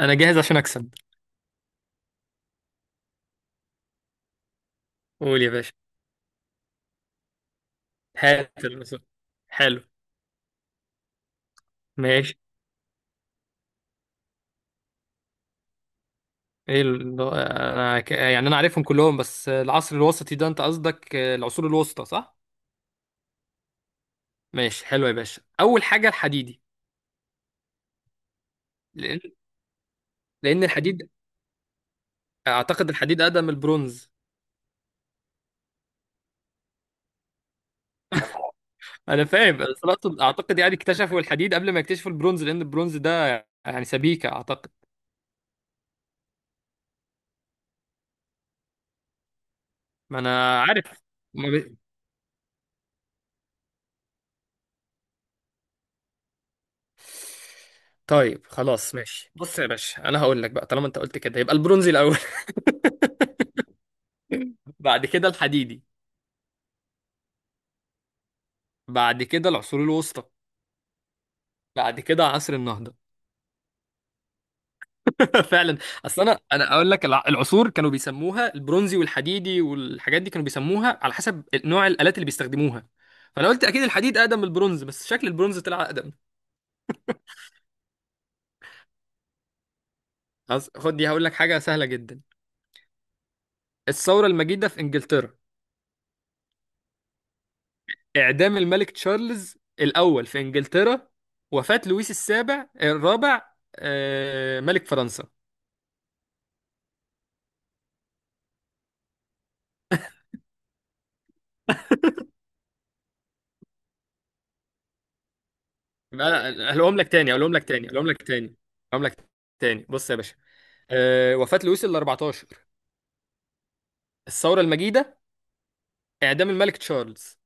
انا جاهز عشان اكسب. قول يا باشا. هات الرسول. حلو. ماشي. ايه ال... انا ك... يعني انا عارفهم كلهم، بس العصر الوسطي ده انت قصدك العصور الوسطى صح؟ ماشي حلو يا باشا، اول حاجه الحديدي. لان لان الحديد، اعتقد الحديد اقدم من البرونز. انا فاهم، بس اعتقد يعني اكتشفوا الحديد قبل ما يكتشفوا البرونز، لان البرونز ده يعني سبيكه اعتقد. ما انا عارف. ما بي- طيب خلاص ماشي، بص يا باشا، انا هقول لك بقى، طالما انت قلت كده يبقى البرونزي الاول، بعد كده الحديدي، بعد كده العصور الوسطى، بعد كده عصر النهضة. فعلا. اصل انا اقول لك، العصور كانوا بيسموها البرونزي والحديدي، والحاجات دي كانوا بيسموها على حسب نوع الآلات اللي بيستخدموها. فانا قلت اكيد الحديد اقدم من البرونز، بس شكل البرونز طلع اقدم. خلاص خد دي، هقول لك حاجة سهلة جدا. الثورة المجيدة في انجلترا، اعدام الملك تشارلز الاول في انجلترا، وفاة لويس السابع الرابع، ملك فرنسا. انا هقولهم لك تاني، هقولهم لك تاني، هقولهم لك تاني، هقولهم لك تاني. بص يا باشا، أه وفاة لويس ال 14، الثورة المجيدة، اعدام الملك تشارلز.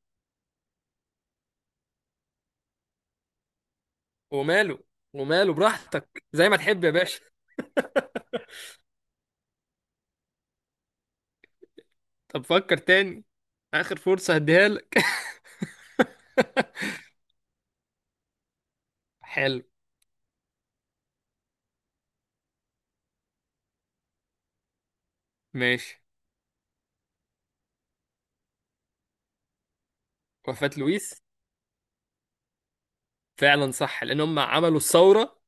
وماله، وماله براحتك زي ما تحب يا باشا. طب فكر تاني، اخر فرصة هديها لك. حلو. ماشي، وفاة لويس فعلا صح، لان هم عملوا الثورة،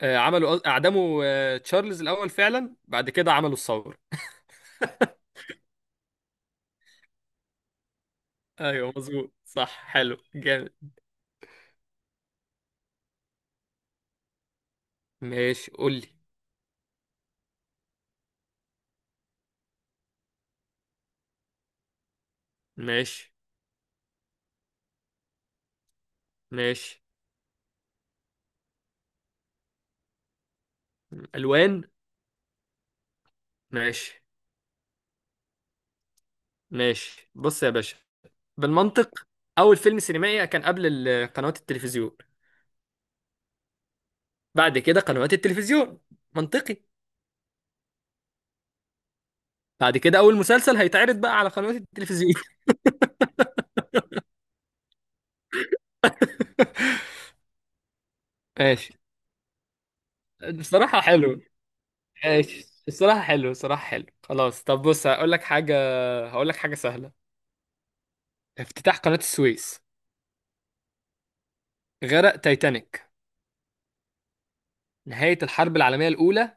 عملوا اعدموا تشارلز الاول فعلا، بعد كده عملوا الثورة. ايوه مظبوط صح، حلو جامد. ماشي قول لي. ماشي. ماشي. الوان. ماشي. ماشي بص يا باشا، بالمنطق، اول فيلم سينمائي كان قبل قنوات التلفزيون، بعد كده قنوات التلفزيون، منطقي. بعد كده اول مسلسل هيتعرض بقى على قنوات التلفزيون. ماشي الصراحة حلو. ماشي الصراحة حلو، الصراحة حلو، خلاص. طب بص هقول لك حاجة، هقول لك حاجة سهلة. افتتاح قناة السويس، غرق تايتانيك، نهاية الحرب العالمية الأولى،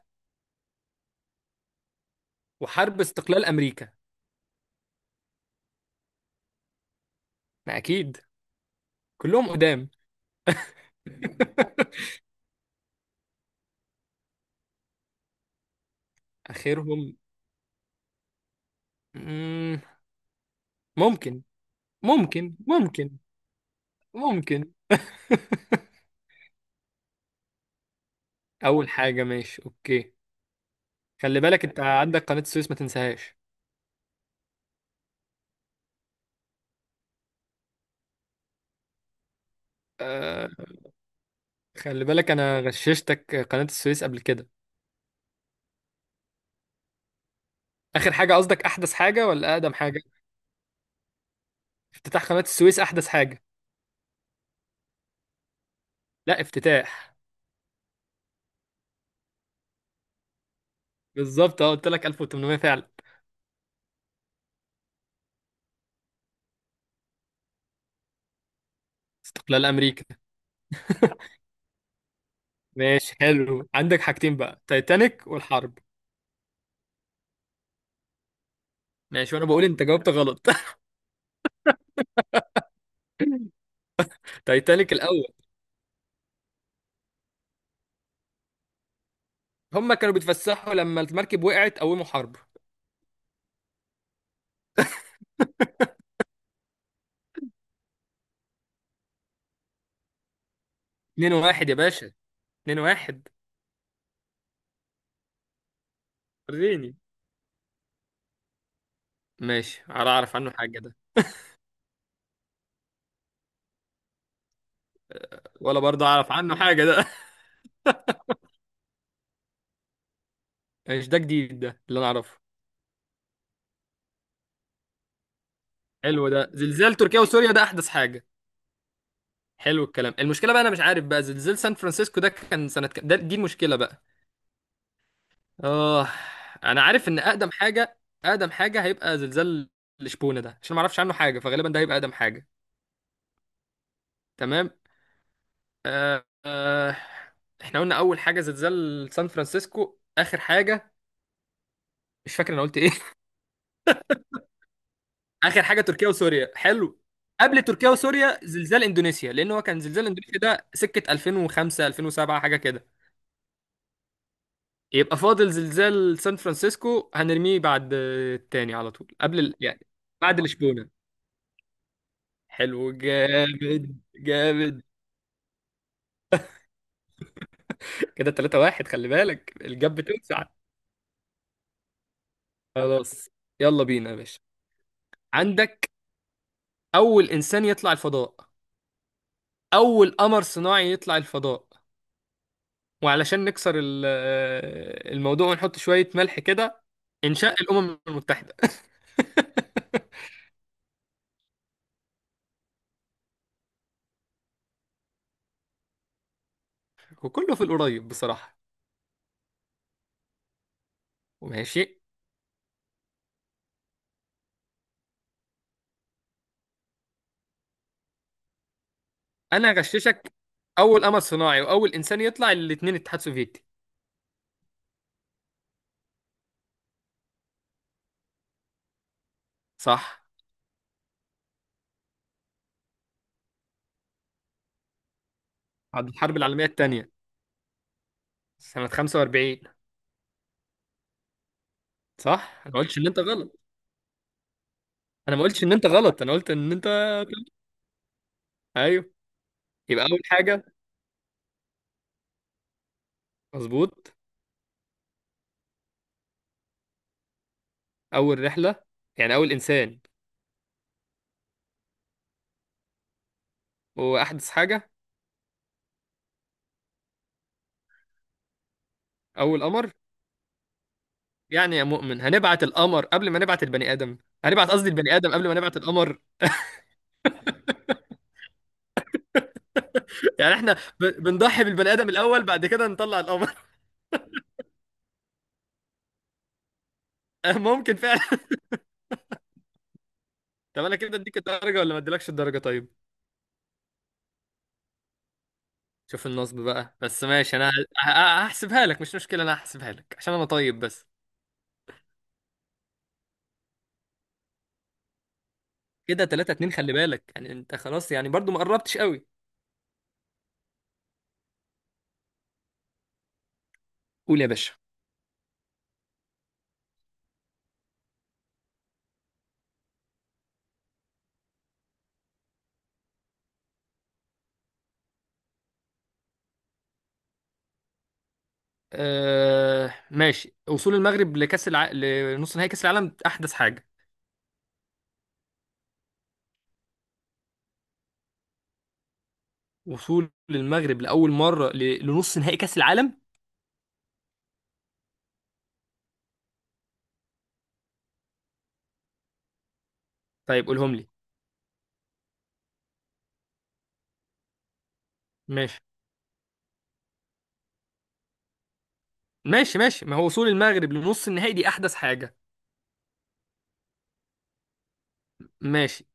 وحرب استقلال أمريكا. ما أكيد كلهم قدام. آخرهم. مم، ممكن. ممكن ممكن. ممكن. اول حاجه ماشي اوكي. خلي بالك انت عندك قناه السويس ما تنساهاش. أه خلي بالك انا غششتك قناه السويس قبل كده. اخر حاجه قصدك احدث حاجه ولا اقدم حاجه؟ افتتاح قناه السويس احدث حاجه. لا افتتاح. بالظبط، اه قلت لك 1800 فعلا. استقلال امريكا. ماشي حلو، عندك حاجتين بقى، تايتانيك والحرب. ماشي، وانا بقول انت جاوبت غلط. تايتانيك الاول. هم كانوا بيتفسحوا لما المركب وقعت قوموا حرب. 2-1 يا باشا، 2-1. وريني. ماشي، على اعرف عنه حاجه ده؟ ولا برضه اعرف عنه حاجه ده. مش ده جديد؟ ده اللي انا اعرفه. حلو، ده زلزال تركيا وسوريا ده احدث حاجه. حلو الكلام، المشكله بقى انا مش عارف بقى زلزال سان فرانسيسكو ده كان سنه كام، ده دي المشكله بقى. اه. انا عارف ان اقدم حاجه، اقدم حاجه هيبقى زلزال الشبونه ده، عشان ما اعرفش عنه حاجه فغالبا ده هيبقى اقدم حاجه. تمام. آه آه. احنا قلنا اول حاجه زلزال سان فرانسيسكو. اخر حاجه مش فاكر انا قلت ايه. اخر حاجه تركيا وسوريا، حلو. قبل تركيا وسوريا زلزال اندونيسيا، لان هو كان زلزال اندونيسيا ده سكه 2005 2007 حاجه كده. يبقى فاضل زلزال سان فرانسيسكو، هنرميه بعد التاني على طول، يعني بعد لشبونه. حلو جامد جامد. كده 3-1، خلي بالك الجاب بتوسع. خلاص، يلا بينا يا باشا. عندك اول انسان يطلع الفضاء، اول قمر صناعي يطلع الفضاء، وعلشان نكسر الموضوع ونحط شوية ملح كده انشاء الامم المتحدة. وكله في القريب بصراحة. وماشي. انا هغششك، اول قمر صناعي واول انسان يطلع، الاتنين اتحاد سوفيتي. صح. بعد الحرب العالمية التانية، سنة 45. صح. انا ما قلتش ان انت غلط، انا ما قلتش ان انت غلط، انا قلت ان انت. ايوه. يبقى اول حاجة. مظبوط. اول رحلة، يعني اول انسان. واحدث حاجة. اول قمر. يعني يا مؤمن هنبعت القمر قبل ما نبعت البني آدم، هنبعت قصدي البني آدم قبل ما نبعت القمر. يعني احنا بنضحي بالبني آدم الأول بعد كده نطلع القمر. ممكن فعلا. طب انا كده اديك الدرجة ولا ما اديلكش الدرجة طيب؟ شوف النصب بقى، بس ماشي، انا هحسبها لك، مش مشكلة انا هحسبها لك عشان انا طيب بس. كده 3-2، خلي بالك يعني انت خلاص، يعني برضو ما قربتش قوي. قول يا باشا. آه ماشي، وصول المغرب لنص نهائي كأس العالم أحدث حاجة. وصول المغرب لأول مرة لنص نهائي كأس العالم. طيب قولهم لي. ماشي. ماشي. ماشي، ما هو وصول المغرب لنص النهائي دي احدث حاجه. ماشي.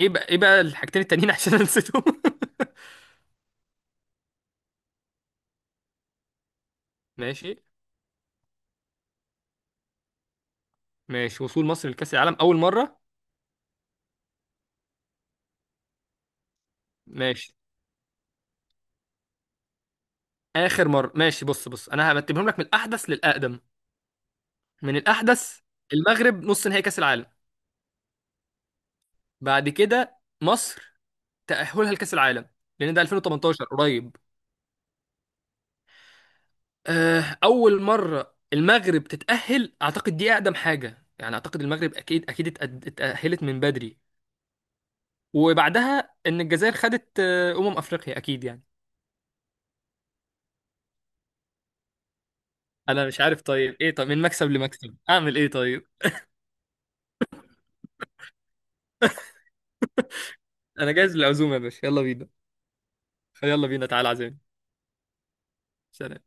ايه بقى، ايه بقى الحاجتين التانيين عشان انا نسيتهم. ماشي. ماشي، وصول مصر لكأس العالم اول مره. ماشي. اخر مره ماشي، بص بص انا هرتبهم لك من الاحدث للاقدم، من الاحدث. المغرب نص نهائي كأس العالم، بعد كده مصر تأهلها لكأس العالم، لان ده 2018 قريب. اول مره المغرب تتاهل اعتقد دي اقدم حاجه، يعني اعتقد المغرب اكيد اكيد اتاهلت من بدري. وبعدها ان الجزائر خدت افريقيا اكيد يعني. انا مش عارف طيب، ايه طب من مكسب لمكسب اعمل ايه طيب؟ انا جاهز للعزومه يا باشا، يلا بينا. يلا بينا تعالى عزيمه. سلام.